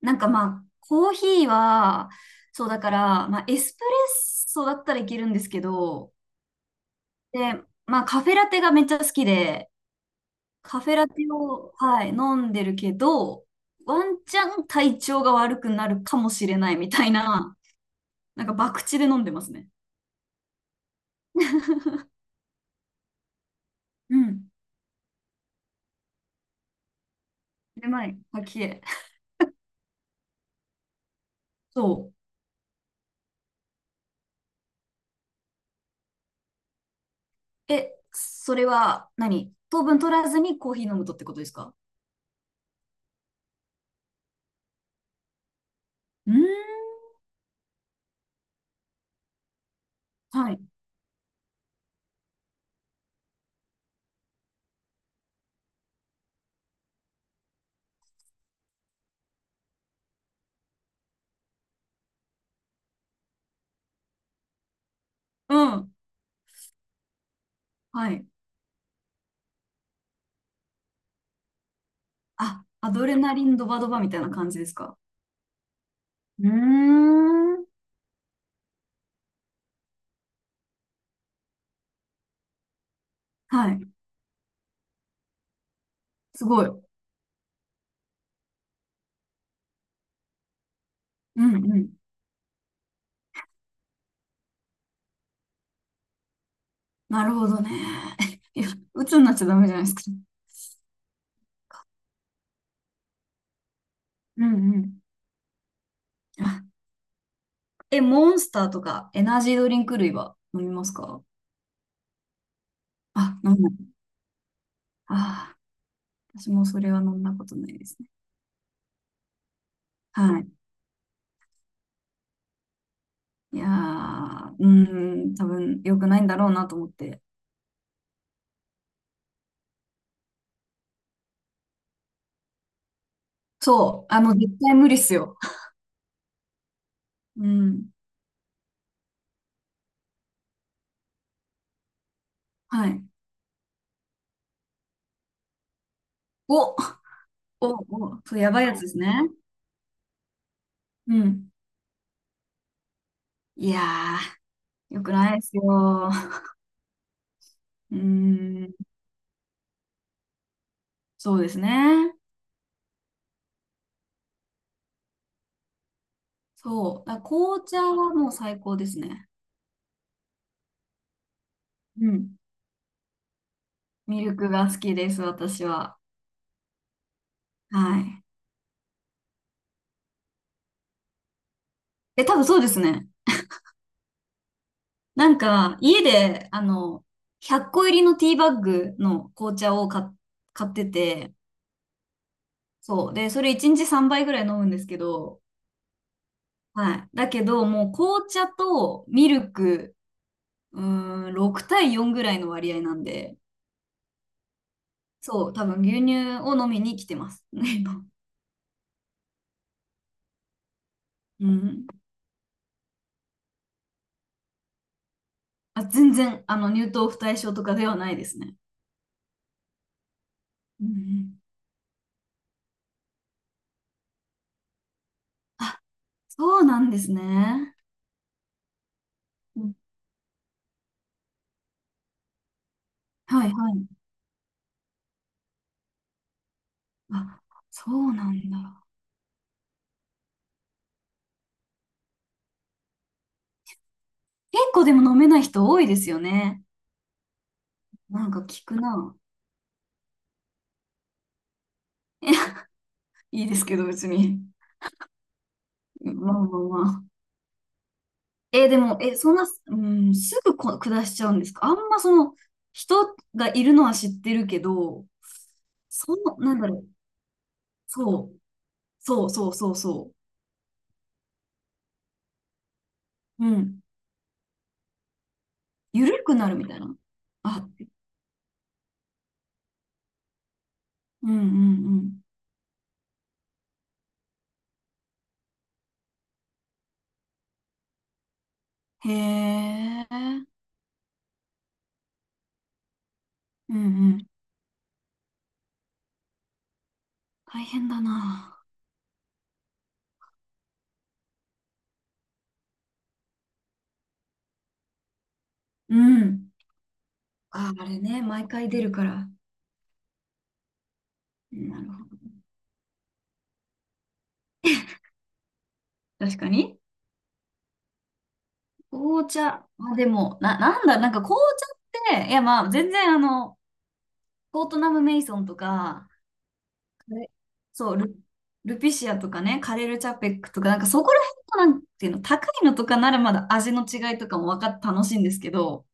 なんかまあ、コーヒーは、そうだから、まあ、エスプレッソだったらいけるんですけど、で、まあ、カフェラテがめっちゃ好きで、カフェラテを、はい、飲んでるけど、ワンチャン体調が悪くなるかもしれないみたいな、なんか博打で飲んでますね。うん。で、まい吐きえ。そう。え、それは何、糖分取らずにコーヒー飲むとってことですか？うーん。はい。うん。はい。あ、アドレナリンドバドバみたいな感じですか？うーん。はい。すごい。うんうん。なるほどね。いや、鬱になっちゃダメじゃないですか。うんうん。あ、え、モンスターとかエナジードリンク類は飲みますか？あ、飲む。ああ私もそれは飲んだことないですね。はい。いやー、うーん、多分良くないんだろうなと思って。そう、あの、絶対無理っすよ。うん。はい。お、お、お、そう、やばいやつですね。うん。いやー、良くないですよ。うーん。そうですね。そう。紅茶はもう最高ですね。うん。ミルクが好きです、私は。はい。え、多分そうですね。なんか、家で、あの、100個入りのティーバッグの紅茶を買ってて、そう。で、それ1日3杯ぐらい飲むんですけど、はい。だけど、もう紅茶とミルク、うーん、6対4ぐらいの割合なんで、そう、多分牛乳を飲みに来てます。うん。あ、全然、あの、乳糖不対症とかではないですね。うんうん。あ、そうなんですね。うんうん。はいはい。あ、そうなんだ。結構でも飲めない人多いですよね。なんか聞くな。いいですけど、別に。まあまあまあ。え、でも、え、そんな、うん、すぐ下しちゃうんですか？あんまその、人がいるのは知ってるけど、その、なんだろう。そう、そうそうそうそう。うん。緩くなるみたいな。あ、うんうんうん。へえ。うんうん。大変だな。うん。あ、あれね、毎回出るから。なるほど。確かに。紅茶。あ、でも、なんだ、なんか紅茶って、いやまあ、全然あの、コートナム・メイソンとか、あれそう、ルピシアとかね、カレル・チャペックとか、なんかそこら辺のなんていうの、高いのとかならまだ味の違いとかも分かって楽しいんですけど、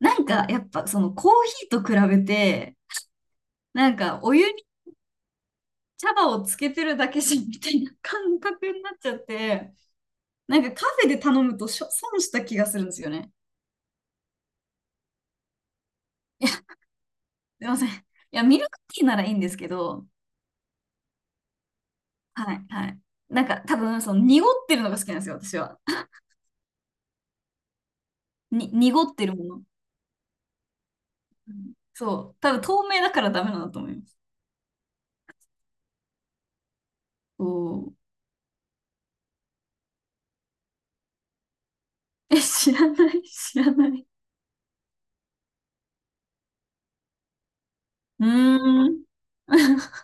なんかやっぱそのコーヒーと比べて、なんかお湯に茶葉をつけてるだけしみたいな感覚になっちゃって、なんかカフェで頼むとしょ損した気がするんですよね。いや、すいません。いや、ミルクティーならいいんですけど、はい、はい。なんか多分、その濁ってるのが好きなんですよ、私は。濁ってるもの。うんそう。多分透明だからダメなんだと思います。おーえ、知らない、知らない。うーん。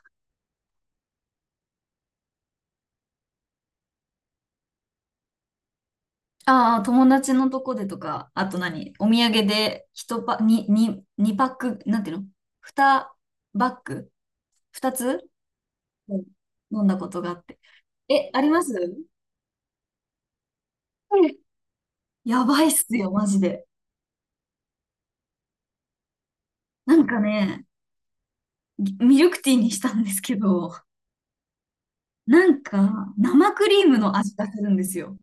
ああ、友達のとこでとか、あと何お土産で一パ、にに2パック、なんていうの？ 2 バッグ？ 2 つ、うん、飲んだことがあって。え、あります？うん、やばいっすよ、マジで。なんかね、ミルクティーにしたんですけど、なんか生クリームの味がするんですよ。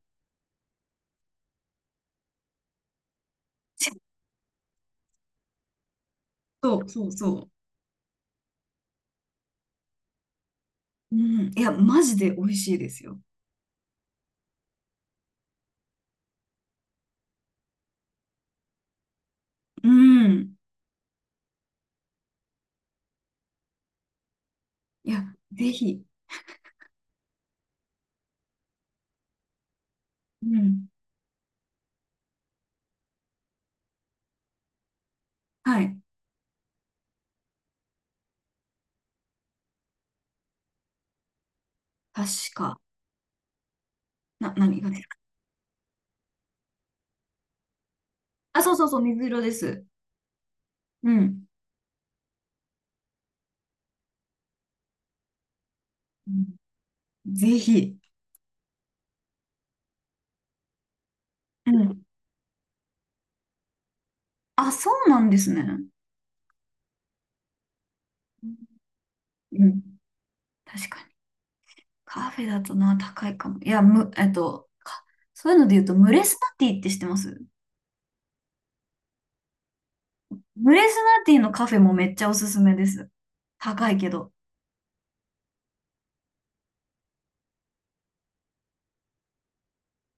そうそうそう。うん。いや、マジで美味しいですよ。うん。いや、ぜひ。うん。はい。確か。何がね。あ、そうそうそう、水色です。うん。うん、ぜひ。うん。あ、そうなんですね。うん。確かに。カフェだとな、高いかも。いや、む、えっと、か、そういうので言うと、ムレスナティって知ってます？ムレスナティのカフェもめっちゃおすすめです。高いけど。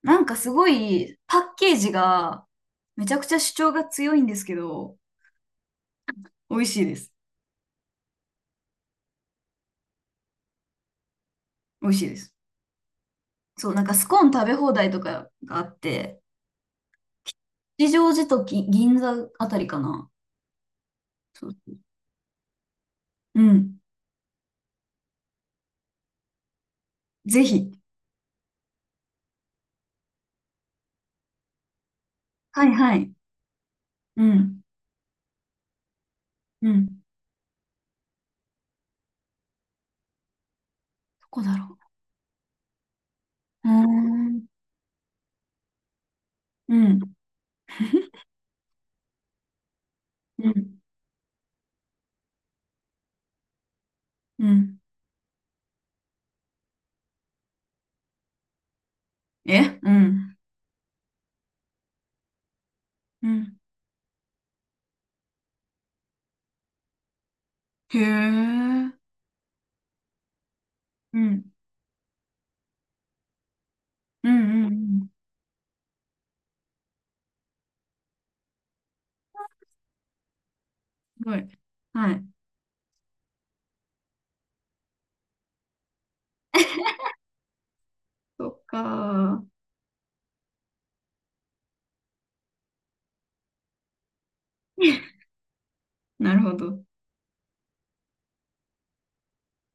なんかすごい、パッケージが、めちゃくちゃ主張が強いんですけど、美味しいです。美味しいです。そう、なんかスコーン食べ放題とかがあって、吉祥寺と銀座あたりかな。そう。うん。ぜひ。はいはい。うん。うん。どこだろう。うーん。うん。うん。うん。えうん。うん。へえ。うん。うんうんうん。すごい。はい。そっかー。なるほど。